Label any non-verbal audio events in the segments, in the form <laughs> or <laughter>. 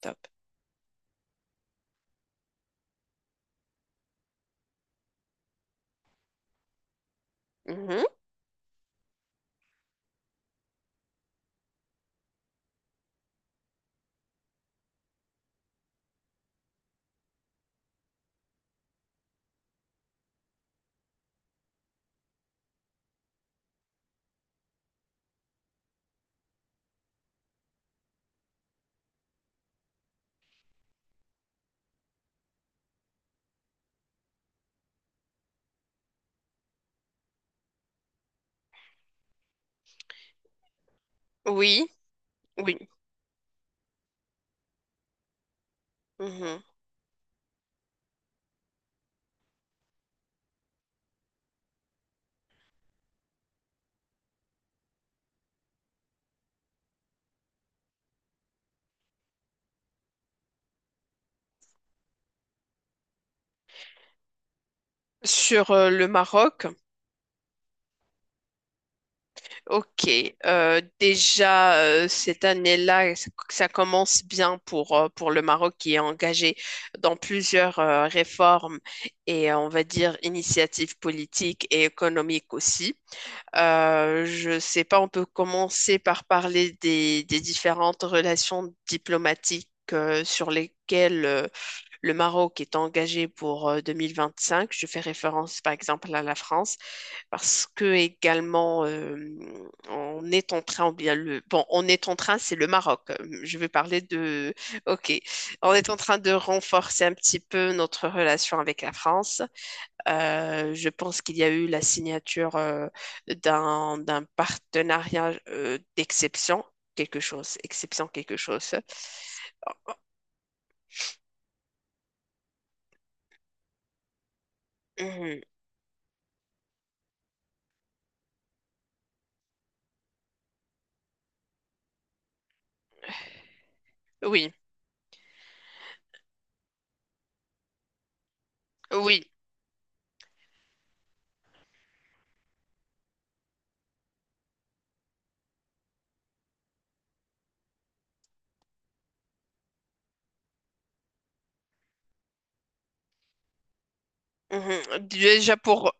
Top. Mhm. Oui, oui. Mhm. Sur le Maroc, ok. Déjà, cette année-là, ça commence bien pour le Maroc qui est engagé dans plusieurs réformes et, on va dire, initiatives politiques et économiques aussi. Je sais pas, on peut commencer par parler des différentes relations diplomatiques sur lesquelles le Maroc est engagé pour 2025. Je fais référence par exemple à la France parce que également on est en train, on est en train, c'est le Maroc. Je vais parler de, ok, on est en train de renforcer un petit peu notre relation avec la France. Je pense qu'il y a eu la signature d'un partenariat d'exception, quelque chose, exception quelque chose. Mhm. Oui, oui. Mhm. Déjà pour,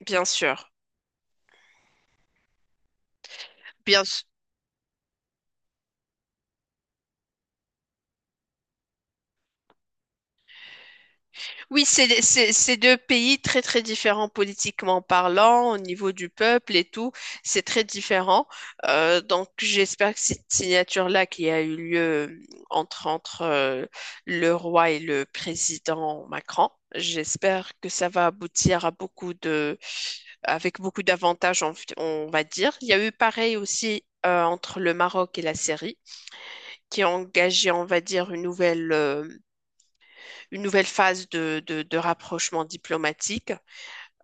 bien sûr. Bien sûr. Oui, c'est deux pays très très différents politiquement parlant, au niveau du peuple et tout, c'est très différent. Donc j'espère que cette signature-là qui a eu lieu entre le roi et le président Macron, j'espère que ça va aboutir à beaucoup de, avec beaucoup d'avantages, on va dire. Il y a eu pareil aussi entre le Maroc et la Syrie, qui a engagé, on va dire, une nouvelle phase de rapprochement diplomatique.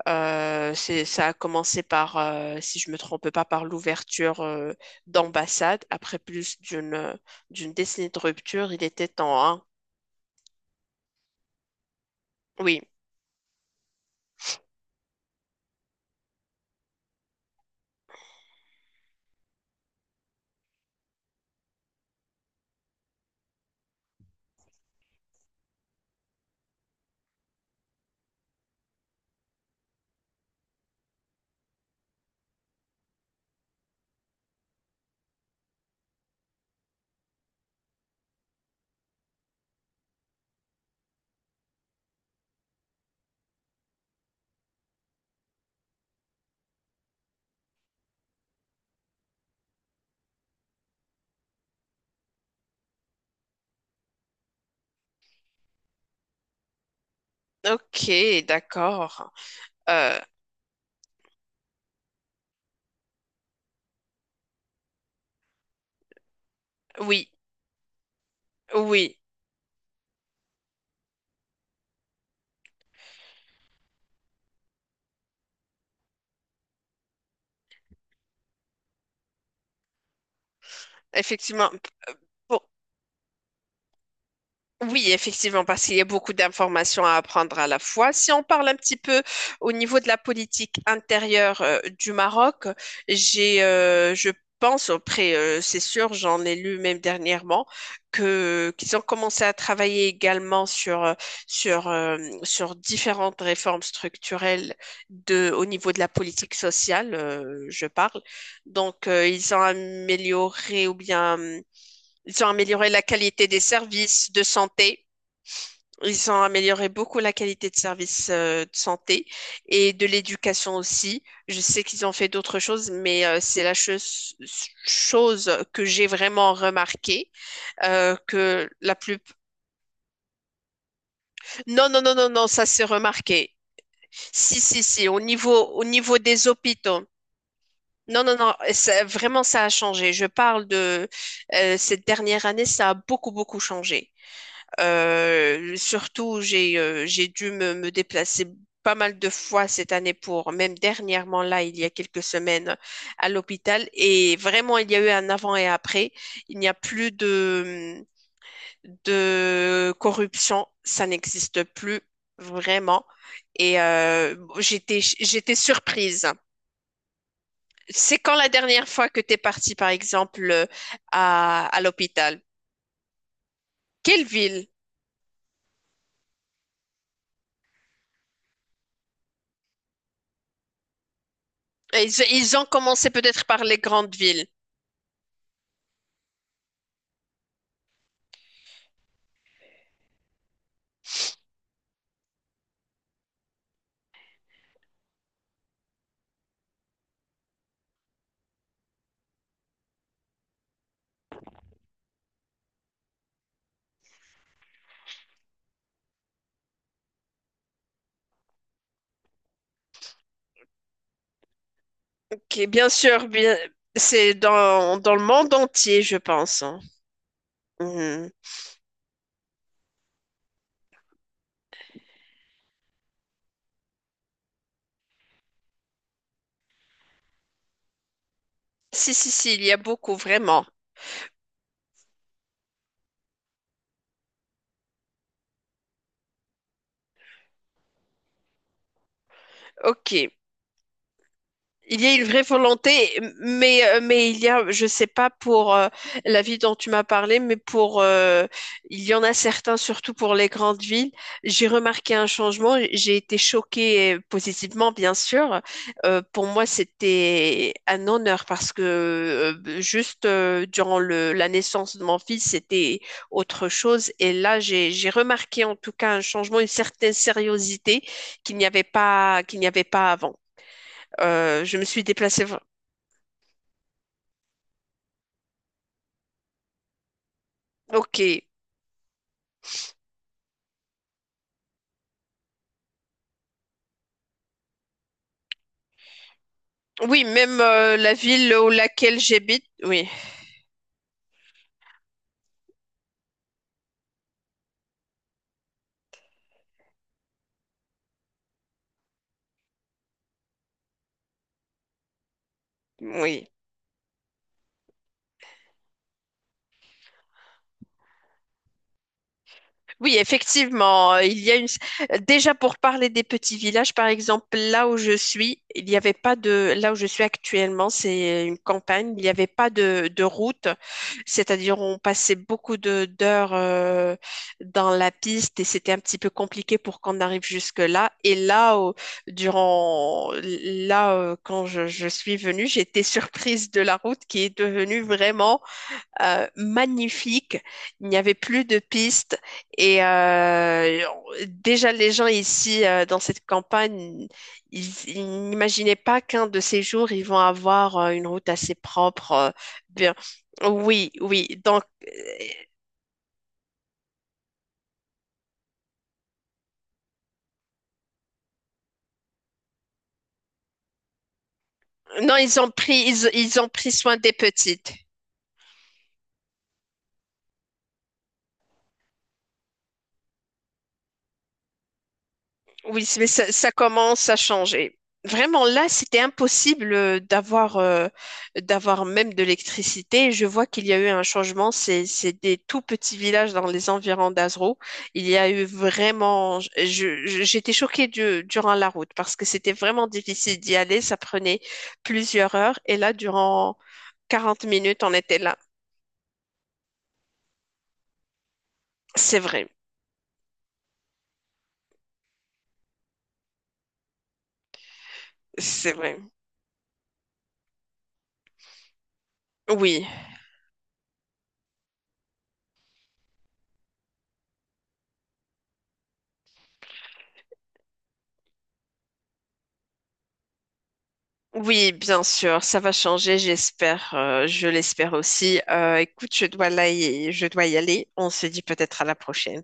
C'est, ça a commencé par, si je me trompe pas, par l'ouverture d'ambassades. Après d'une décennie de rupture, il était temps, hein. Oui, ok, d'accord. Euh, oui, oui, effectivement. Pour- Oui, effectivement, parce qu'il y a beaucoup d'informations à apprendre à la fois. Si on parle un petit peu au niveau de la politique intérieure du Maroc, je pense, après, c'est sûr, j'en ai lu même dernièrement, que qu'ils ont commencé à travailler également sur euh, sur différentes réformes structurelles de au niveau de la politique sociale, je parle. Donc, ils ont amélioré ou bien ils ont amélioré la qualité des services de santé. Ils ont amélioré beaucoup la qualité de service de santé et de l'éducation aussi. Je sais qu'ils ont fait d'autres choses, mais c'est la chose, chose que j'ai vraiment remarqué que la plus... Non, non, non, non, non, ça c'est remarqué. Si, si, si, au niveau des hôpitaux. Non, non, non, ça- vraiment ça a changé. Je parle de cette dernière année, ça a beaucoup, beaucoup changé. Surtout, j'ai dû me déplacer pas mal de fois cette année pour, même dernièrement là, il y a quelques semaines à l'hôpital. Et vraiment, il y a eu un avant et après. Il n'y a plus de corruption. Ça n'existe plus vraiment. Et j'étais surprise. C'est quand la dernière fois que tu es partie, par exemple, à l'hôpital? Quelle ville? Ils ont commencé peut-être par les grandes villes. Qui, bien sûr, bien, c'est dans le monde entier, je pense, hein. Mhm. Si, si, si, il y a beaucoup, vraiment. Ok. Il y a une vraie volonté, mais il y a, je sais pas pour la ville dont tu m'as parlé, mais pour, il y en a certains, surtout pour les grandes villes. J'ai remarqué un changement. J'ai été choquée positivement, bien sûr. Pour moi, c'était un honneur parce que juste durant la naissance de mon fils, c'était autre chose. Et là, j'ai remarqué en tout cas un changement, une certaine sériosité qu'il n'y avait pas, qu'il n'y avait pas avant. Je me suis déplacée. Vra- Ok. Oui, même la ville où laquelle j'habite. Oui, oui. Oui, effectivement, il y a une... Déjà pour parler des petits villages, par exemple, là où je suis, il n'y avait pas de... Là où je suis actuellement, c'est une campagne, il n'y avait pas de route, c'est-à-dire on passait beaucoup d'heures dans la piste et c'était un petit peu compliqué pour qu'on arrive jusque-là. Et là, au- durant... Là, quand je suis venue, j'étais <laughs> surprise de la route qui est devenue vraiment magnifique. Il n'y avait plus de pistes et déjà les gens ici dans cette campagne, ils n'imaginaient pas qu'un de ces jours ils vont avoir une route assez propre. Bien, oui, oui. Donc euh, non, ils ont pris, ils ont pris soin des petites. Oui, mais ça commence à changer. Vraiment, là, c'était impossible d'avoir même de l'électricité. Je vois qu'il y a eu un changement. C'est des tout petits villages dans les environs d'Azrou. Il y a eu vraiment. J'étais choquée du- durant la route parce que c'était vraiment difficile d'y aller. Ça prenait plusieurs heures. Et là, durant 40 minutes, on était là. C'est vrai. C'est vrai. Oui. Oui, bien sûr, ça va changer, j'espère, je l'espère aussi. Écoute, je dois là y- je dois y aller. On se dit peut-être à la prochaine.